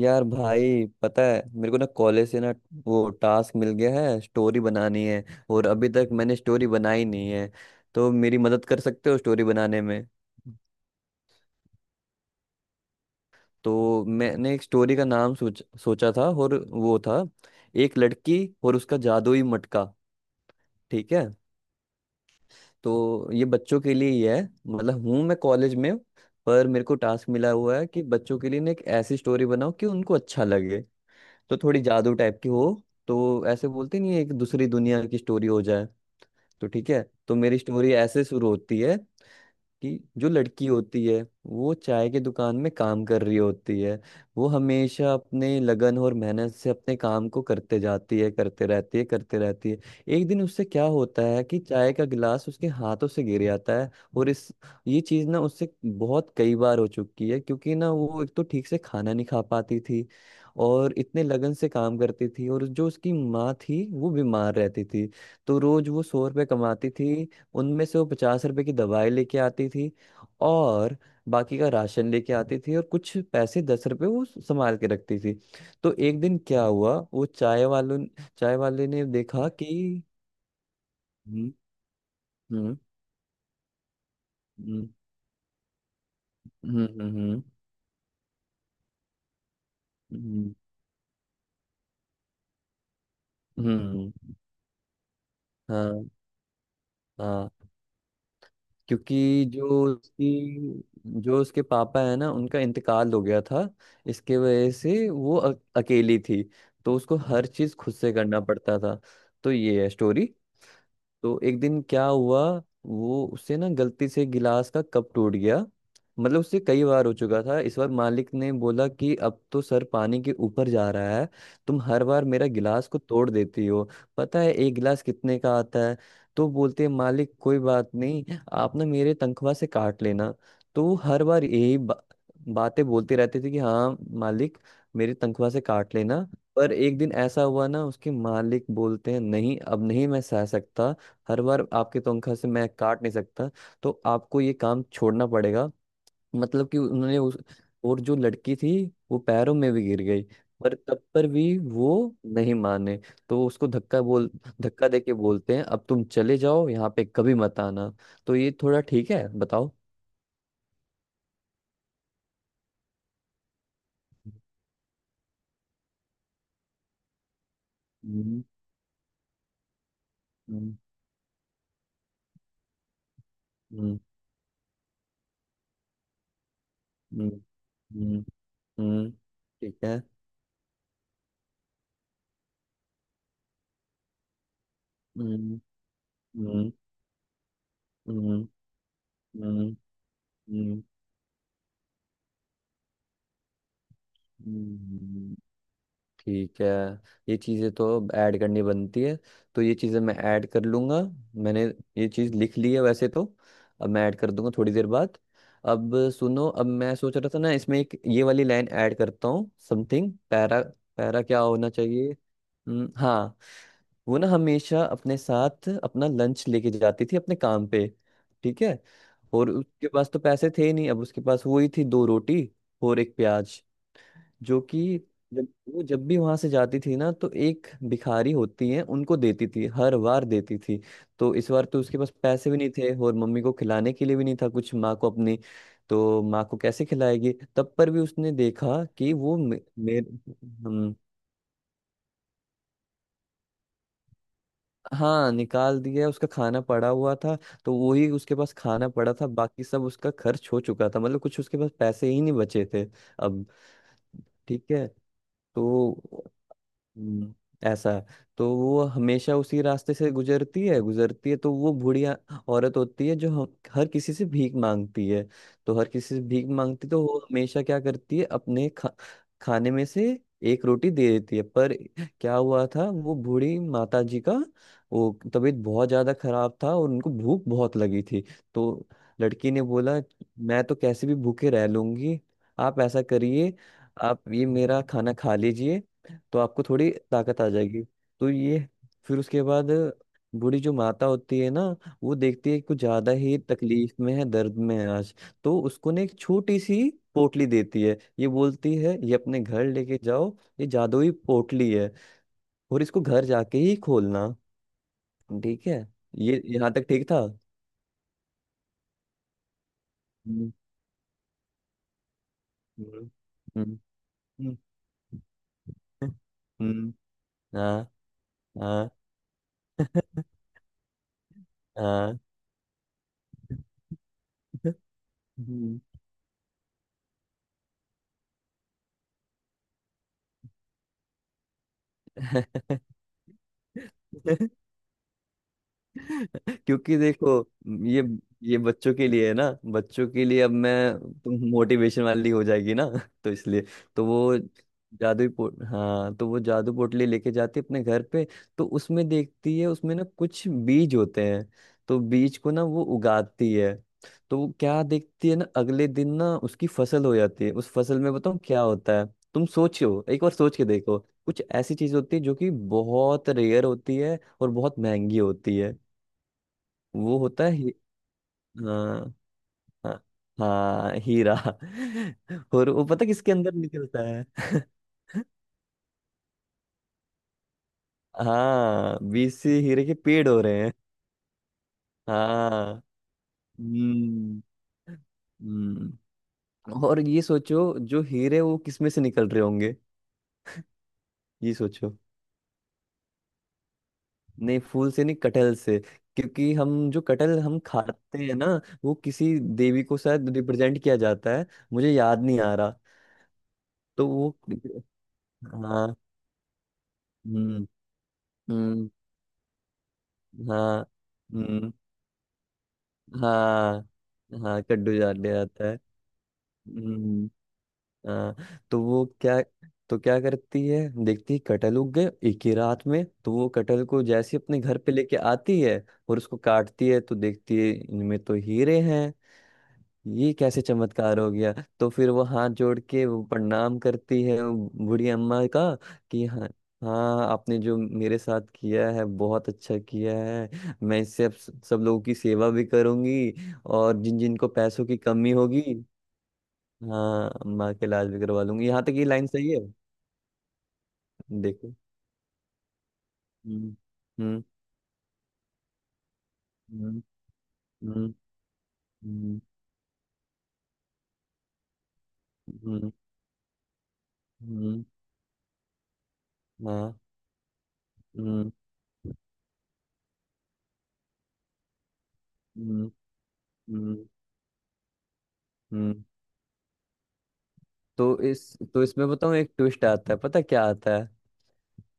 यार भाई पता है मेरे को ना कॉलेज से ना वो टास्क मिल गया है। स्टोरी बनानी है और अभी तक मैंने स्टोरी बनाई नहीं है। तो मेरी मदद कर सकते हो स्टोरी बनाने में? तो मैंने एक स्टोरी का नाम सोचा था और वो था, एक लड़की और उसका जादुई मटका। ठीक है। तो ये बच्चों के लिए ही है, मतलब हूँ मैं कॉलेज में, पर मेरे को टास्क मिला हुआ है कि बच्चों के लिए ना एक ऐसी स्टोरी बनाओ कि उनको अच्छा लगे। तो थोड़ी जादू टाइप की हो। तो ऐसे बोलते नहीं है, एक दूसरी दुनिया की स्टोरी हो जाए। तो ठीक है। तो मेरी स्टोरी ऐसे शुरू होती है कि जो लड़की होती है वो चाय की दुकान में काम कर रही होती है। वो हमेशा अपने लगन और मेहनत से अपने काम को करते जाती है, करते रहती है। एक दिन उससे क्या होता है कि चाय का गिलास उसके हाथों से गिर जाता है। और इस ये चीज ना उससे बहुत कई बार हो चुकी है क्योंकि ना वो एक तो ठीक से खाना नहीं खा पाती थी और इतने लगन से काम करती थी। और जो उसकी माँ थी वो बीमार रहती थी। तो रोज वो 100 रुपये कमाती थी। उनमें से वो 50 रुपए की दवाई लेके आती थी और बाकी का राशन लेके आती थी, और कुछ पैसे 10 रुपए वो संभाल के रखती थी। तो एक दिन क्या हुआ, वो चाय वालों चाय वाले ने देखा कि हम्म हम्म हम्म हम्म हम्म हम्म हम्म, हाँ हाँ। क्योंकि जो उसकी जो उसके पापा है ना उनका इंतकाल हो गया था। इसके वजह से वो अकेली थी। तो उसको हर चीज खुद से करना पड़ता था। तो ये है स्टोरी। तो एक दिन क्या हुआ, वो उससे ना गलती से गिलास का कप टूट गया। मतलब उससे कई बार हो चुका था, इस बार मालिक ने बोला कि अब तो सर पानी के ऊपर जा रहा है। तुम हर बार मेरा गिलास को तोड़ देती हो, पता है एक गिलास कितने का आता है? तो बोलते हैं, मालिक कोई बात नहीं, आप ना मेरे तनख्वाह से काट लेना। तो वो हर बार यही बातें बोलते रहते थे कि हाँ मालिक, मेरी तनख्वाह से काट लेना। पर एक दिन ऐसा हुआ ना, उसके मालिक बोलते हैं नहीं अब नहीं मैं सह सकता। हर बार आपके तनख्वाह से मैं काट नहीं सकता, तो आपको ये काम छोड़ना पड़ेगा। मतलब कि उन्होंने उस और जो लड़की थी वो पैरों में भी गिर गई। पर तब पर भी वो नहीं माने। तो उसको धक्का दे के बोलते हैं अब तुम चले जाओ यहाँ पे कभी मत आना। तो ये थोड़ा ठीक है बताओ? हम्म हम्म हम्म हम्म हम्म हम्म। ठीक है। हम्म हम्म हम्म हम्म हम्म हम्म। ठीक है। ये चीज़ें तो अब ऐड करनी बनती है, तो ये चीज़ें मैं ऐड कर लूँगा। मैंने ये चीज़ लिख ली है वैसे तो, अब मैं ऐड कर दूंगा थोड़ी देर बाद। अब सुनो, अब मैं सोच रहा था ना इसमें एक ये वाली लाइन ऐड करता हूँ समथिंग पैरा। पैरा क्या होना चाहिए? हाँ। वो ना हमेशा अपने साथ अपना लंच लेके जाती थी अपने काम पे। ठीक है। और उसके पास तो पैसे थे नहीं, अब उसके पास वही थी दो रोटी और एक प्याज। जो कि जब वो जब भी वहां से जाती थी ना तो एक भिखारी होती है उनको देती थी, हर बार देती थी। तो इस बार तो उसके पास पैसे भी नहीं थे और मम्मी को खिलाने के लिए भी नहीं था कुछ, माँ को अपनी। तो माँ को कैसे खिलाएगी? तब पर भी उसने देखा कि वो मे, मे, हम, हाँ निकाल दिया, उसका खाना पड़ा हुआ था। तो वही उसके पास खाना पड़ा था, बाकी सब उसका खर्च हो चुका था, मतलब कुछ उसके पास पैसे ही नहीं बचे थे। अब ठीक है। तो हम्म, ऐसा है। तो वो हमेशा उसी रास्ते से गुजरती है। तो वो बूढ़िया औरत होती है जो हर किसी से भीख मांगती है। तो हर किसी से भीख मांगती, तो वो हमेशा क्या करती है अपने खाने में से एक रोटी दे देती है। पर क्या हुआ था वो बूढ़ी माता जी का, वो तबीयत बहुत ज्यादा खराब था और उनको भूख बहुत लगी थी। तो लड़की ने बोला, मैं तो कैसे भी भूखे रह लूंगी, आप ऐसा करिए, आप ये मेरा खाना खा लीजिए तो आपको थोड़ी ताकत आ जाएगी। तो ये, फिर उसके बाद बूढ़ी जो माता होती है ना वो देखती है कि कुछ ज्यादा ही तकलीफ में है, दर्द में है आज। तो उसको ना एक छोटी सी पोटली देती है, ये बोलती है ये अपने घर लेके जाओ, ये जादुई पोटली है और इसको घर जाके ही खोलना। ठीक है। ये यहाँ तक ठीक था। हम्म हम्म हम्म हम्म, हम्म, हाँ हाँ हाँ हम्म। क्योंकि देखो ये ये बच्चों के लिए है ना। बच्चों के लिए अब मैं, तुम मोटिवेशन वाली हो जाएगी ना तो इसलिए, तो वो जादुई पोट हाँ तो वो जादू पोटली लेके जाती है अपने घर पे। तो उसमें देखती है उसमें ना कुछ बीज होते हैं। तो बीज को ना वो उगाती है। तो वो क्या देखती है ना अगले दिन ना उसकी फसल हो जाती है। उस फसल में बताऊँ क्या होता है? तुम सोचो एक बार सोच के देखो, कुछ ऐसी चीज होती है जो कि बहुत रेयर होती है और बहुत महंगी होती है। वो होता है हाँ हाँ, हाँ हीरा। और वो पता किसके अंदर निकलता है? हाँ बीच से हीरे के पेड़ हो रहे हैं। हाँ हम्म हम्म। और ये सोचो जो हीरे वो किसमें से निकल रहे होंगे? ये सोचो, नहीं फूल से नहीं, कटहल से। क्योंकि हम जो कटहल हम खाते हैं ना वो किसी देवी को शायद रिप्रेजेंट किया जाता है। मुझे याद नहीं आ रहा। तो वो, हाँ हम्म हम्म हाँ हम्म हाँ हाँ कड्डू जाने आता है। हम्म हाँ। तो वो क्या तो क्या करती है, देखती है कटहल उग गए एक ही रात में। तो वो कटहल को जैसे अपने घर पे लेके आती है और उसको काटती है तो देखती है इनमें तो हीरे हैं। ये कैसे चमत्कार हो गया। तो फिर वो हाथ जोड़ के वो प्रणाम करती है वो बूढ़ी अम्मा का कि हाँ, हाँ आपने जो मेरे साथ किया है बहुत अच्छा किया है, मैं इससे अब सब लोगों की सेवा भी करूंगी। और जिन जिन को पैसों की कमी होगी, हाँ अम्मा के इलाज भी करवा लूंगी। यहाँ तक ये लाइन सही है? देखो हम्म हम्म हम्म हम्म हम्म हम्म हम्म, हाँ हम्म हम्म हम्म हम्म। तो इस तो इसमें बताऊँ एक ट्विस्ट आता है, पता क्या आता है?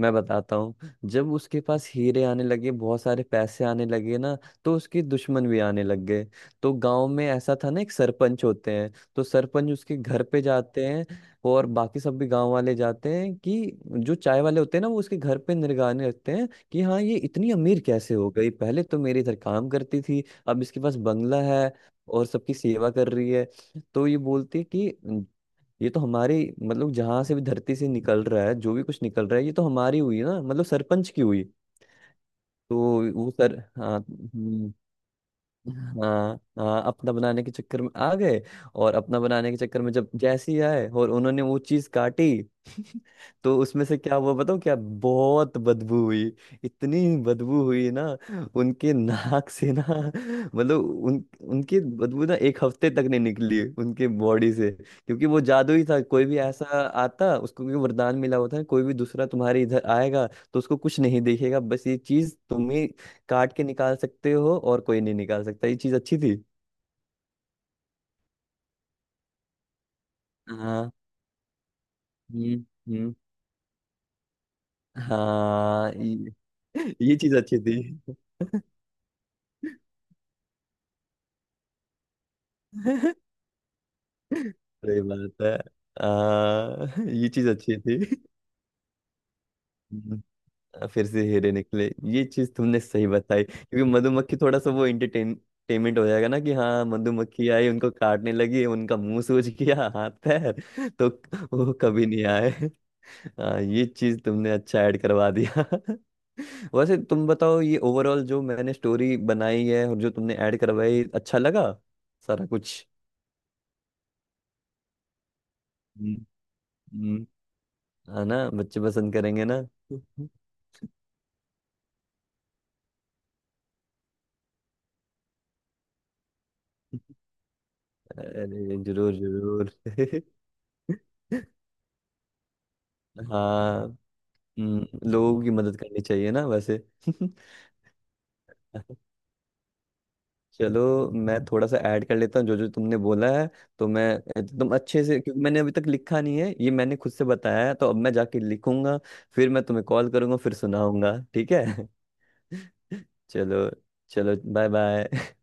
मैं बताता हूँ। जब उसके पास हीरे आने लगे बहुत सारे पैसे आने लगे ना तो उसके दुश्मन भी आने लग गए। तो गांव में ऐसा था ना, एक सरपंच होते हैं। तो सरपंच उसके घर पे जाते हैं और बाकी सब भी गांव वाले जाते हैं, कि जो चाय वाले होते हैं ना वो उसके घर पे निगरानी रखते हैं कि हाँ ये इतनी अमीर कैसे हो गई, पहले तो मेरे इधर काम करती थी अब इसके पास बंगला है और सबकी सेवा कर रही है। तो ये बोलती है कि ये तो हमारी, मतलब जहां से भी धरती से निकल रहा है जो भी कुछ निकल रहा है ये तो हमारी हुई ना, मतलब सरपंच की हुई। तो वो सर हाँ हाँ हाँ अपना बनाने के चक्कर में आ गए। और अपना बनाने के चक्कर में जब जैसी आए और उन्होंने वो चीज काटी तो उसमें से क्या हुआ बताऊँ क्या? बहुत बदबू हुई, इतनी बदबू हुई ना उनके नाक से ना, मतलब उन उनकी बदबू ना एक हफ्ते तक नहीं निकली उनके बॉडी से। क्योंकि वो जादू ही था, कोई भी ऐसा आता उसको भी वरदान मिला होता है, कोई भी दूसरा तुम्हारे इधर आएगा तो उसको कुछ नहीं देखेगा, बस ये चीज तुम ही काट के निकाल सकते हो और कोई नहीं निकाल सकता। ये चीज अच्छी थी। हाँ हम्म हम्म हाँ ये चीज अच्छी थी। सही बात है। ये चीज अच्छी थी। हम्म, फिर से हीरे निकले। ये चीज तुमने सही बताई क्योंकि मधुमक्खी, थोड़ा सा वो एंटरटेनमेंट हो जाएगा ना, कि हाँ मधुमक्खी आई उनको काटने लगी, उनका मुंह सूज गया, हाथ पैर। तो वो कभी नहीं आए। ये चीज तुमने अच्छा ऐड करवा दिया। वैसे तुम बताओ ये ओवरऑल जो मैंने स्टोरी बनाई है और जो तुमने ऐड करवाई अच्छा लगा सारा कुछ? हम्म, हम्म, है ना बच्चे पसंद करेंगे ना? अरे जरूर जरूर। हाँ लोगों की मदद करनी चाहिए ना वैसे। चलो, मैं थोड़ा सा ऐड कर लेता हूँ जो जो तुमने बोला है। तो मैं एकदम अच्छे से, क्योंकि मैंने अभी तक लिखा नहीं है, ये मैंने खुद से बताया है तो अब मैं जाके लिखूंगा। फिर मैं तुम्हें कॉल करूंगा फिर सुनाऊंगा, ठीक है? चलो, चलो बाय बाय।